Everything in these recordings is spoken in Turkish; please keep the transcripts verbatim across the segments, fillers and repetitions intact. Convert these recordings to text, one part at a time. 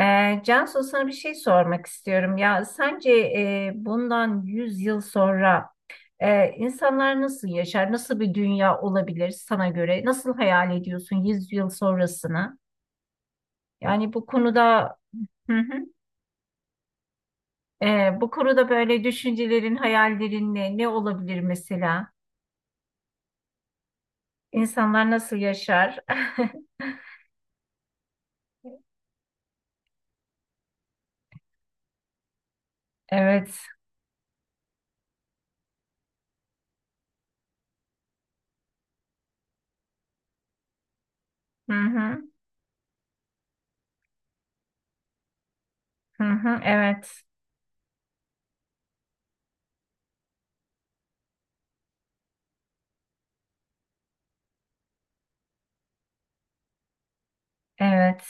Ee, Cansu, sana bir şey sormak istiyorum. Ya sence, e, bundan yüz yıl sonra e, insanlar nasıl yaşar? Nasıl bir dünya olabilir sana göre? Nasıl hayal ediyorsun yüz yıl sonrasını? Yani bu konuda, hı hı, e, bu konuda böyle düşüncelerin, hayallerin, ne, ne olabilir mesela? İnsanlar nasıl yaşar? Evet. Hı hı. Hı hı. Evet. Evet.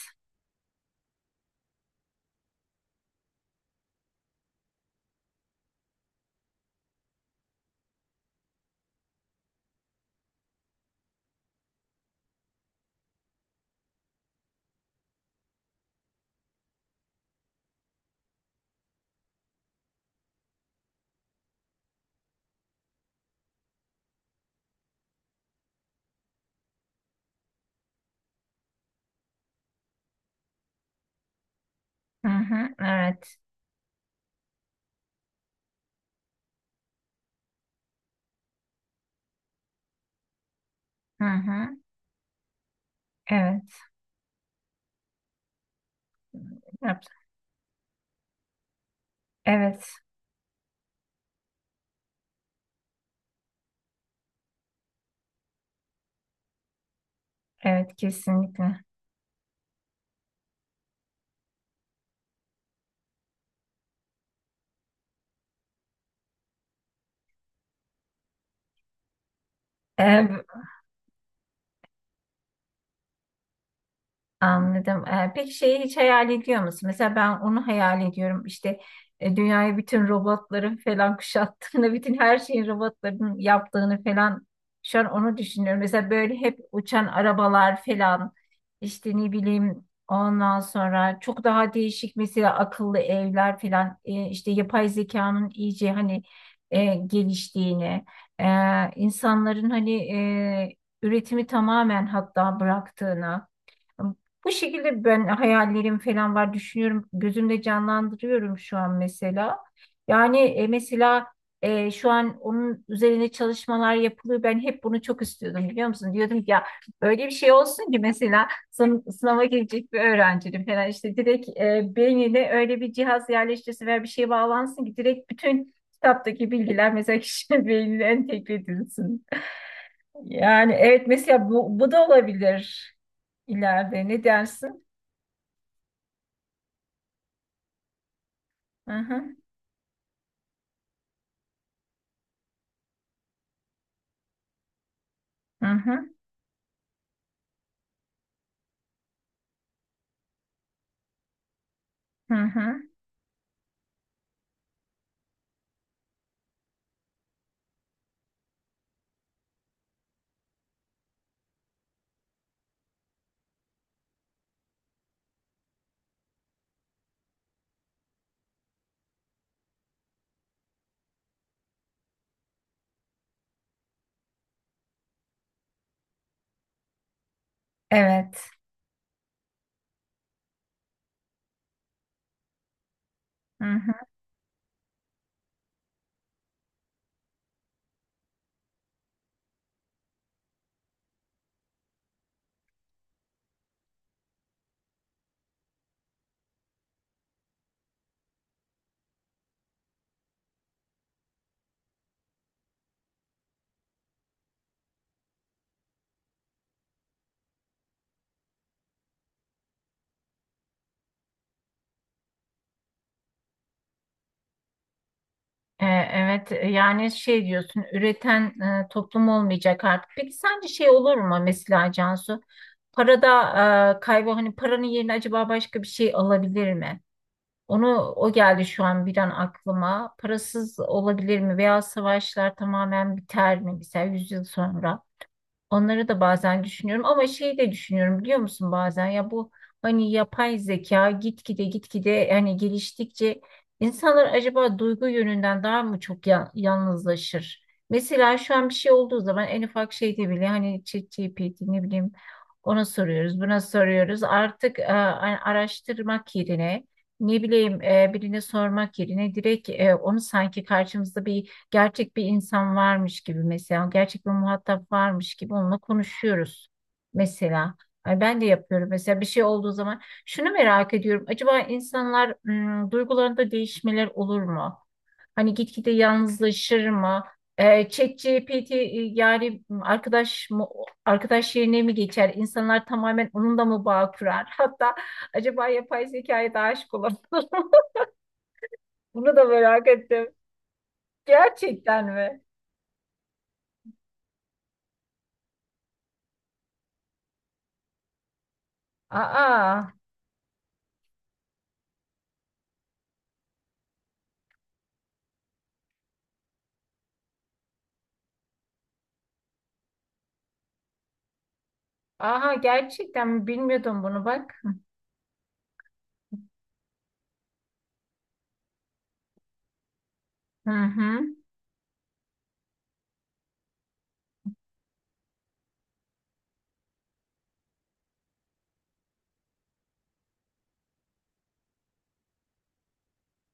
Hı hı. Evet. Hı hı. Evet. Yap- Evet. Evet, kesinlikle. Ee, Anladım. Ee, peki şeyi hiç hayal ediyor musun? Mesela ben onu hayal ediyorum. İşte, e, dünyayı bütün robotların falan kuşattığını, bütün her şeyin robotların yaptığını falan şu an onu düşünüyorum. Mesela böyle hep uçan arabalar falan, işte ne bileyim, ondan sonra çok daha değişik, mesela akıllı evler falan, e, işte yapay zekanın iyice, hani, e, geliştiğini, e, insanların, hani, e, üretimi tamamen hatta bıraktığını, bu şekilde ben hayallerim falan var, düşünüyorum. Gözümde canlandırıyorum şu an mesela. Yani, e, mesela, e, şu an onun üzerine çalışmalar yapılıyor. Ben hep bunu çok istiyordum, biliyor musun? Diyordum ki ya, böyle bir şey olsun ki mesela sın sınava girecek bir öğrencinin falan işte direkt e, beynine öyle bir cihaz yerleştirsin veya bir şey bağlansın ki direkt bütün kitaptaki bilgiler mesela kişinin beynine entegre edilsin. Yani evet, mesela, bu, bu da olabilir ileride. Ne dersin? Hı hı, hı hı, hı hı. Evet. Hı hı. E, Evet, yani şey diyorsun, üreten e, toplum olmayacak artık. Peki sence şey olur mu mesela, Cansu? Parada, e, kaybı hani, paranın yerine acaba başka bir şey alabilir mi? Onu o geldi şu an bir an aklıma. Parasız olabilir mi? Veya savaşlar tamamen biter mi? Mesela yüz yıl sonra. Onları da bazen düşünüyorum ama şeyi de düşünüyorum, biliyor musun, bazen ya, bu hani yapay zeka gitgide gitgide hani geliştikçe, insanlar acaba duygu yönünden daha mı çok ya- yalnızlaşır? Mesela şu an bir şey olduğu zaman en ufak şeyde bile, hani, ChatGPT, ne bileyim, ona soruyoruz, buna soruyoruz artık, e, a- araştırmak yerine, ne bileyim, e, birine sormak yerine direkt e, onu sanki karşımızda bir gerçek bir insan varmış gibi, mesela gerçek bir muhatap varmış gibi onunla konuşuyoruz mesela. Ay, ben de yapıyorum mesela bir şey olduğu zaman. Şunu merak ediyorum: acaba insanlar hmm, duygularında değişmeler olur mu? Hani gitgide yalnızlaşır mı? E, ChatGPT, e, yani arkadaş mı, arkadaş yerine mi geçer? İnsanlar tamamen onunla mı bağ kurar? Hatta acaba yapay zekaya da aşık olur mu? Bunu da merak ettim. Gerçekten mi? Aa. Aha, gerçekten mi? Bilmiyordum bunu, bak. Hı hı.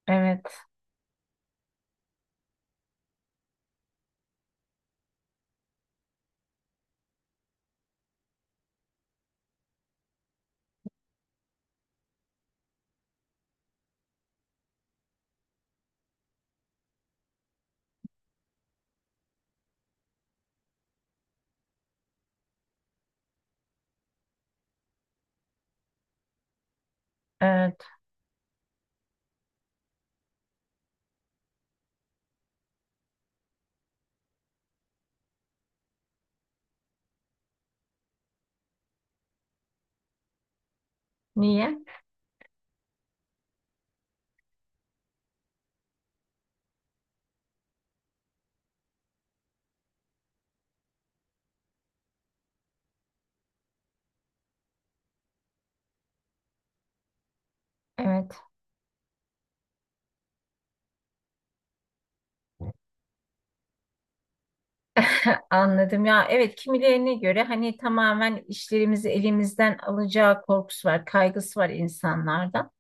Evet. Evet. Niye? Evet. Anladım ya. Evet, kimilerine göre hani tamamen işlerimizi elimizden alacağı korkusu var, kaygısı var insanlarda.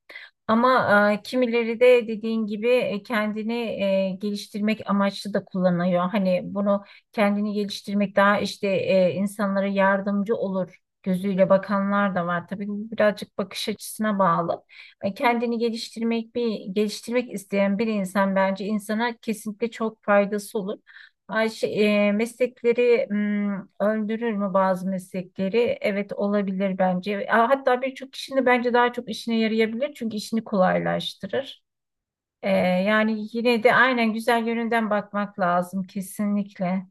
Ama e, kimileri de dediğin gibi e, kendini e, geliştirmek amaçlı da kullanıyor. Hani bunu kendini geliştirmek daha işte, e, insanlara yardımcı olur gözüyle bakanlar da var. Tabii, bu birazcık bakış açısına bağlı. E, kendini geliştirmek, bir geliştirmek isteyen bir insan, bence insana kesinlikle çok faydası olur. Ayşe, e, meslekleri m, öldürür mü bazı meslekleri? Evet, olabilir bence. A- Hatta birçok kişinin bence daha çok işine yarayabilir, çünkü işini kolaylaştırır. E, yani yine de aynen güzel yönünden bakmak lazım kesinlikle.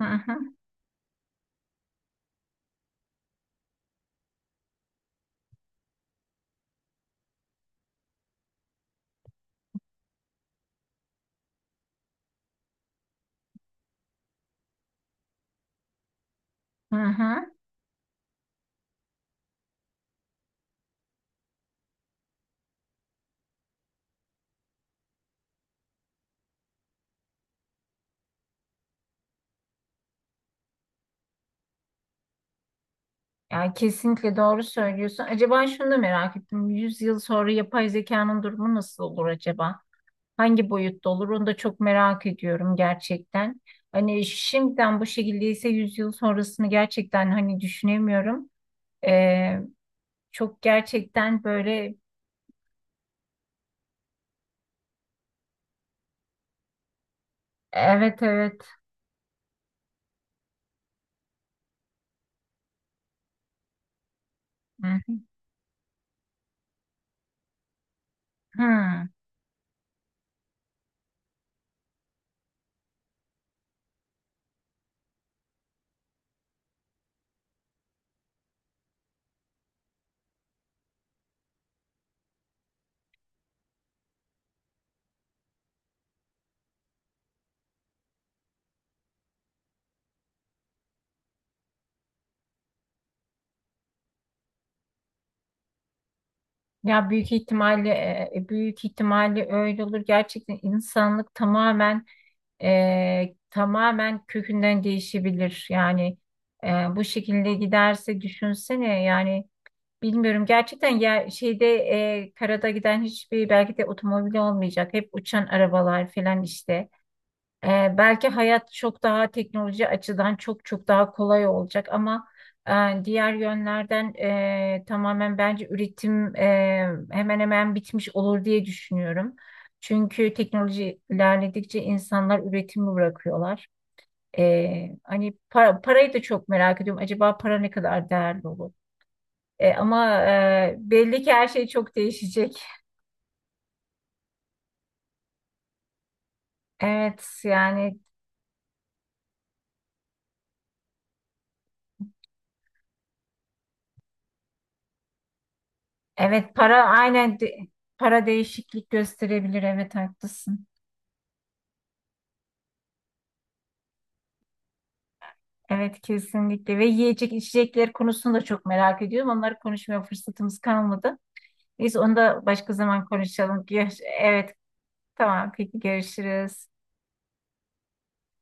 Hı hı, hı hı. Yani kesinlikle doğru söylüyorsun. Acaba şunu da merak ettim. Yüz yıl sonra yapay zekanın durumu nasıl olur acaba? Hangi boyutta olur, onu da çok merak ediyorum gerçekten. Hani şimdiden bu şekildeyse yüz yıl sonrasını gerçekten hani düşünemiyorum. Ee, Çok gerçekten böyle, evet, evet. Hı hı. Hı. Ya, büyük ihtimalle e, e, büyük ihtimalle öyle olur. Gerçekten insanlık tamamen e, tamamen kökünden değişebilir. Yani, e, bu şekilde giderse düşünsene, yani, bilmiyorum gerçekten ya, şeyde, e, karada giden hiçbir belki de otomobil olmayacak. Hep uçan arabalar falan işte. E, belki hayat çok daha teknoloji açıdan çok çok daha kolay olacak, ama e, diğer yönlerden, e, tamamen bence üretim, e, hemen hemen bitmiş olur diye düşünüyorum. Çünkü teknoloji ilerledikçe insanlar üretimi bırakıyorlar. E, hani pa- parayı da çok merak ediyorum. Acaba para ne kadar değerli olur? E, ama e, belli ki her şey çok değişecek. Evet, yani evet, para aynen de- para değişiklik gösterebilir. Evet, haklısın. Evet, kesinlikle, ve yiyecek içecekler konusunu da çok merak ediyorum. Onları konuşmaya fırsatımız kalmadı. Biz onu da başka zaman konuşalım. Gör- Evet, tamam, peki görüşürüz.